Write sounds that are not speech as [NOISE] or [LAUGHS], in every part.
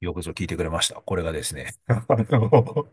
よくぞ聞いてくれました。これがですね、[LAUGHS] あの、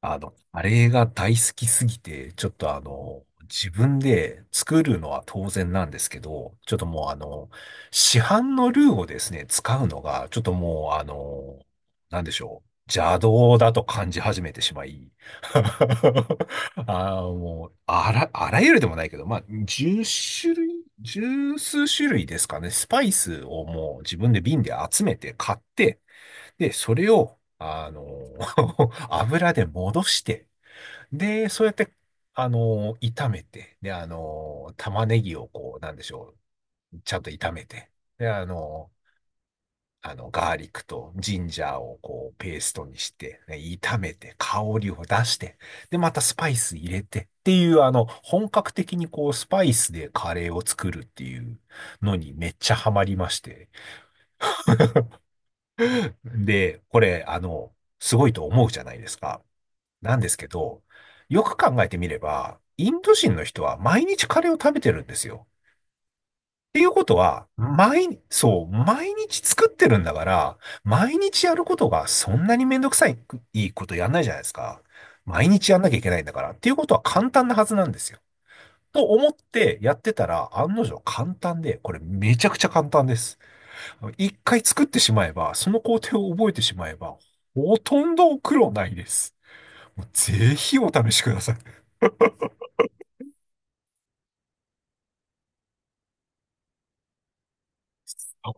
あのカレーが大好きすぎて、ちょっとあの、自分で作るのは当然なんですけど、ちょっともうあの、市販のルーをですね、使うのが、ちょっともうあの、なんでしょう。邪道だと感じ始めてしまい。[LAUGHS] あーもう、あらゆるでもないけど、まあ、1種類、十数種類ですかね、スパイスをもう自分で瓶で集めて買って、で、それを、[LAUGHS] 油で戻して、で、そうやって、炒めて、で、玉ねぎをこう、なんでしょう、ちゃんと炒めて、で、ガーリックとジンジャーをこう、ペーストにして、ね炒めて、香りを出して、で、またスパイス入れてっていう、本格的にこう、スパイスでカレーを作るっていうのにめっちゃハマりまして。で、これ、すごいと思うじゃないですか。なんですけど、よく考えてみれば、インド人の人は毎日カレーを食べてるんですよ。っていうことは、毎、そう、毎日作ってるんだから、毎日やることがそんなにめんどくさい、いいことやんないじゃないですか。毎日やんなきゃいけないんだから。っていうことは簡単なはずなんですよ。と思ってやってたら、案の定簡単で、これめちゃくちゃ簡単です。一回作ってしまえば、その工程を覚えてしまえば、ほとんど苦労ないです。もうぜひお試しください。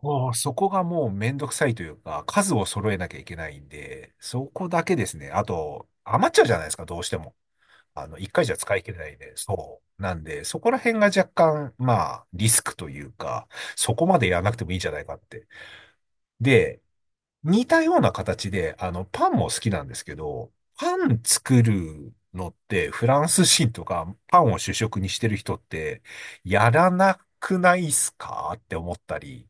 おーそこがもうめんどくさいというか、数を揃えなきゃいけないんで、そこだけですね。あと、余っちゃうじゃないですか、どうしても。一回じゃ使い切れないんで、そう。なんで、そこら辺が若干、まあ、リスクというか、そこまでやらなくてもいいんじゃないかって。で、似たような形で、パンも好きなんですけど、パン作るのって、フランス人とか、パンを主食にしてる人って、やらなくないっすかって思ったり、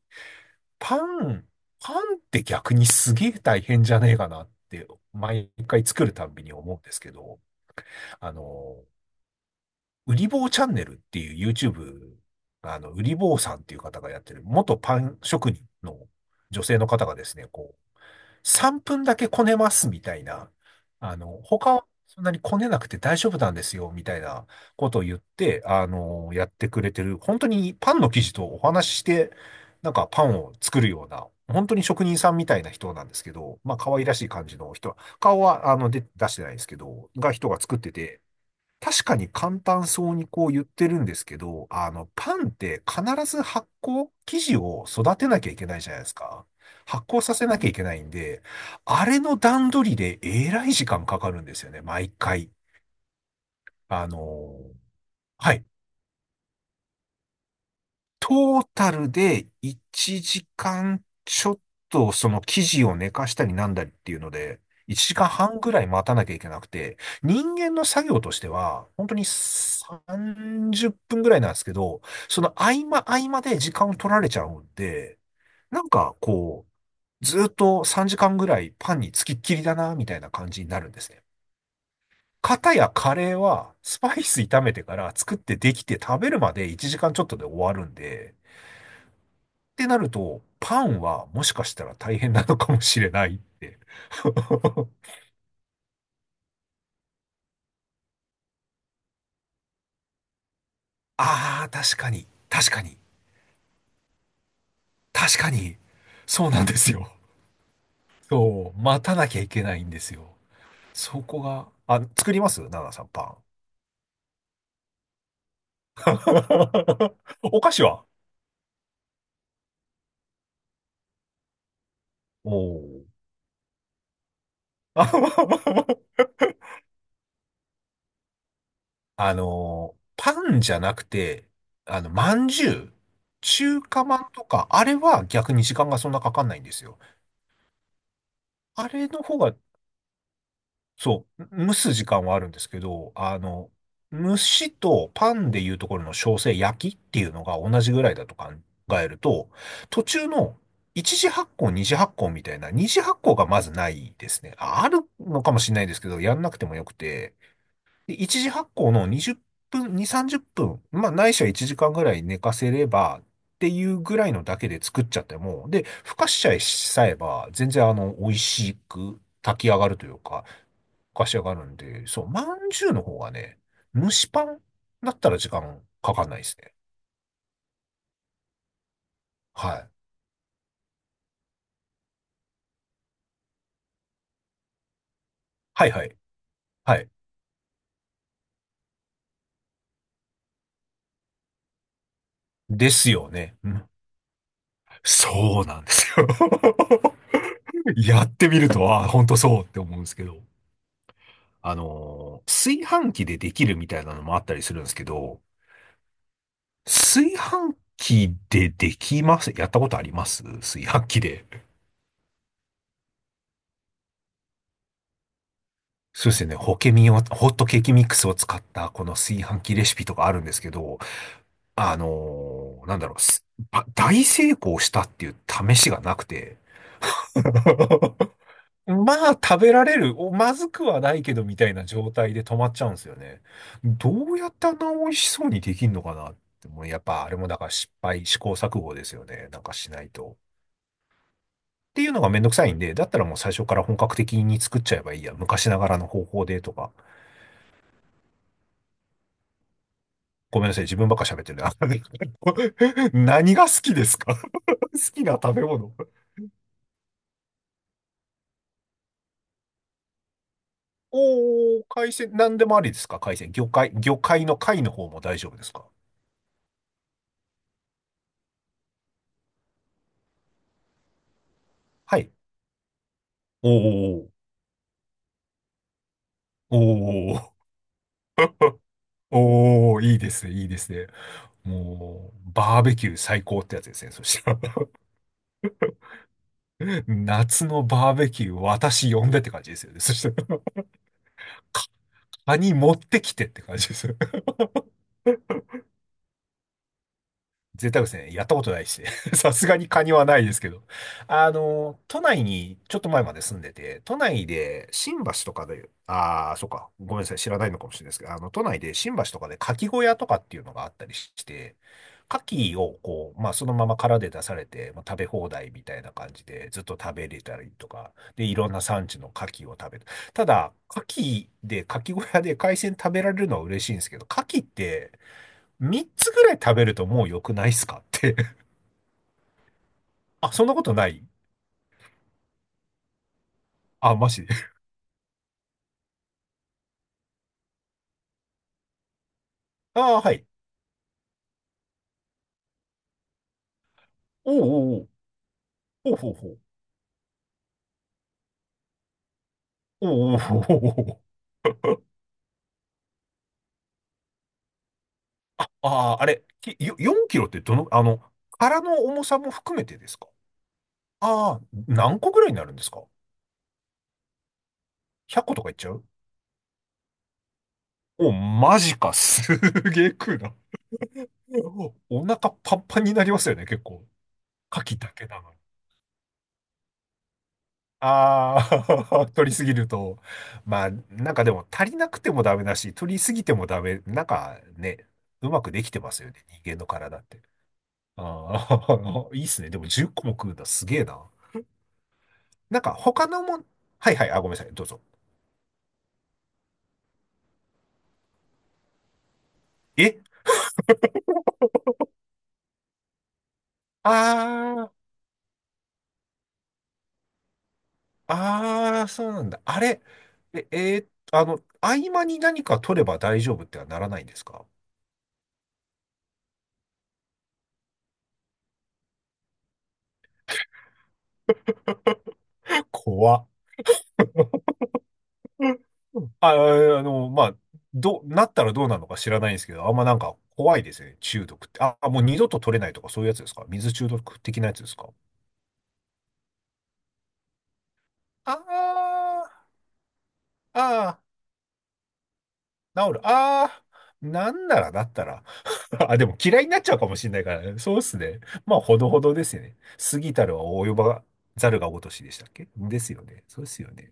パン、パンって逆にすげえ大変じゃねえかなって、毎回作るたんびに思うんですけど、あの、うり坊チャンネルっていう YouTube、うり坊さんっていう方がやってる、元パン職人の女性の方がですね、こ3分だけこねますみたいな、他はそんなにこねなくて大丈夫なんですよみたいなことを言って、やってくれてる、本当にパンの生地とお話しして、なんかパンを作るような、本当に職人さんみたいな人なんですけど、まあ可愛らしい感じの人は、顔はあので出してないですけど、が人が作ってて、確かに簡単そうにこう言ってるんですけど、パンって必ず発酵、生地を育てなきゃいけないじゃないですか。発酵させなきゃいけないんで、あれの段取りでえらい時間かかるんですよね、毎回。あのはいトータルで1時間ちょっとその生地を寝かしたりなんだりっていうので、1時間半ぐらい待たなきゃいけなくて、人間の作業としては、本当に30分ぐらいなんですけど、その合間合間で時間を取られちゃうんで、なんかこう、ずっと3時間ぐらいパンにつきっきりだな、みたいな感じになるんですね。かたやカレーはスパイス炒めてから作ってできて食べるまで1時間ちょっとで終わるんで、ってなると、パンはもしかしたら大変なのかもしれないって。[LAUGHS] ああ、確かに、そうなんですよ。そう、待たなきゃいけないんですよ。そこが、あ、作りますナナさん、パン。[LAUGHS] お菓子はおー [LAUGHS] パンじゃなくて、まんじゅう、中華まんとか、あれは逆に時間がそんなかかんないんですよ。あれの方がそう、蒸す時間はあるんですけど、蒸しとパンでいうところの焼成焼きっていうのが同じぐらいだと考えると、途中の一次発酵、二次発酵みたいな、二次発酵がまずないですね。ああるのかもしれないですけど、やんなくてもよくて、で、一次発酵の20分、2、30分、まあ、ないしは1時間ぐらい寝かせれば、っていうぐらいのだけで作っちゃっても、で、ふかしちゃえしさえば、全然美味しく炊き上がるというか、ふかし上がるんで、そう、まんじゅうの方がね、蒸しパンだったら時間かかんないですね。はい。はいはい。はい。ですよね。うん、そうなんですよ。[LAUGHS] やってみると、ああ、ほんとそうって思うんですけど。炊飯器でできるみたいなのもあったりするんですけど、炊飯器でできますやったことあります炊飯器で。そうですよね。ホケミを、ホットケーキミックスを使ったこの炊飯器レシピとかあるんですけど、あのーなんだろう、すば大成功したっていう試しがなくて。[LAUGHS] まあ、食べられる、お、まずくはないけど、みたいな状態で止まっちゃうんですよね。どうやってあんな美味しそうにできんのかなって、もうやっぱあれもだから失敗、試行錯誤ですよね。なんかしないと。っていうのがめんどくさいんで、だったらもう最初から本格的に作っちゃえばいいや。昔ながらの方法でとか。ごめんなさい、自分ばっか喋ってるな。[LAUGHS] 何が好きですか？ [LAUGHS] 好きな食べ物。おー、海鮮、何でもありですか海鮮？魚介、魚介の貝の方も大丈夫ですか？はい。おーおー、おー、いいですね。もう、バーベキュー最高ってやつですね、そしたら。[LAUGHS] 夏のバーベキュー、私呼んでって感じですよね。そしたら、[LAUGHS] カニ持ってきてって感じですよ。贅沢ですね。やったことないし。[LAUGHS] さすがにカニはないですけど。都内にちょっと前まで住んでて、都内で新橋とかで、ああ、そうか。ごめんなさい。知らないのかもしれないですけど、都内で新橋とかで牡蠣小屋とかっていうのがあったりして、牡蠣をこう、まあそのまま殻で出されて、まあ、食べ放題みたいな感じでずっと食べれたりとか、で、いろんな産地の牡蠣を食べる。ただ、牡蠣小屋で海鮮食べられるのは嬉しいんですけど、牡蠣って、3つぐらい食べるともう良くないっすかって。[LAUGHS] あ、そんなことないあ、マジで。[LAUGHS] ああ、はい。おうおうおう。おうほうほう。おうおうほうほうほう。ああ、あれ、きよ4キロってどの、殻の重さも含めてですか？ああ、何個ぐらいになるんですか ?100 個とかいっちゃうお、マジか。すげえ食うな。おお腹パンパンになりますよね、結構。牡蠣だけなのに。ああ、[LAUGHS] 取りすぎると。まあ、なんかでも足りなくてもダメだし、取りすぎてもダメ。なんかね、うまくできてますよね、人間の体って。ああ、[LAUGHS] いいっすね。でも10個も食うんだ。すげえな。なんか他のもん、はい、あ、ごめんなさい。どうぞ。えああ、ああ、そうなんだ。あれ、え、えー合間に何か取れば大丈夫ってはならないんですか？怖っうんあ、あまあ、どう、なったらどうなのか知らないんですけど、あんまなんか怖いですね、中毒って。あ、もう二度と取れないとかそういうやつですか？水中毒的なやつですか？ああああ治る。ああ、なんならだったら。[LAUGHS] あ、でも嫌いになっちゃうかもしれないからね。そうっすね。まあ、ほどほどですよね。過ぎたるは及ばざるが如しでしたっけ？ですよね。そうですよね。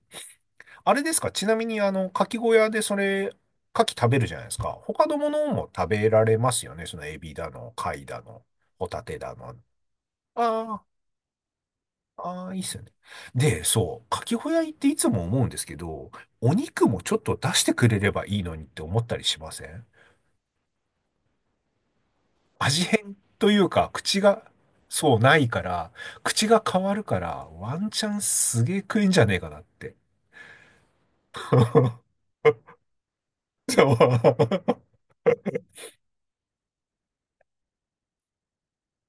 あれですかちなみに、牡蠣小屋でそれ、牡蠣食べるじゃないですか。他のものも食べられますよね。そのエビだの、貝だの、ホタテだの。あああ、いいっすよね。で、そう、牡蠣小屋行っていつも思うんですけど、お肉もちょっと出してくれればいいのにって思ったりしません？味変というか、口が、そう、ないから、口が変わるから、ワンチャンすげえ食えんじゃねえかなって。[LAUGHS] そう。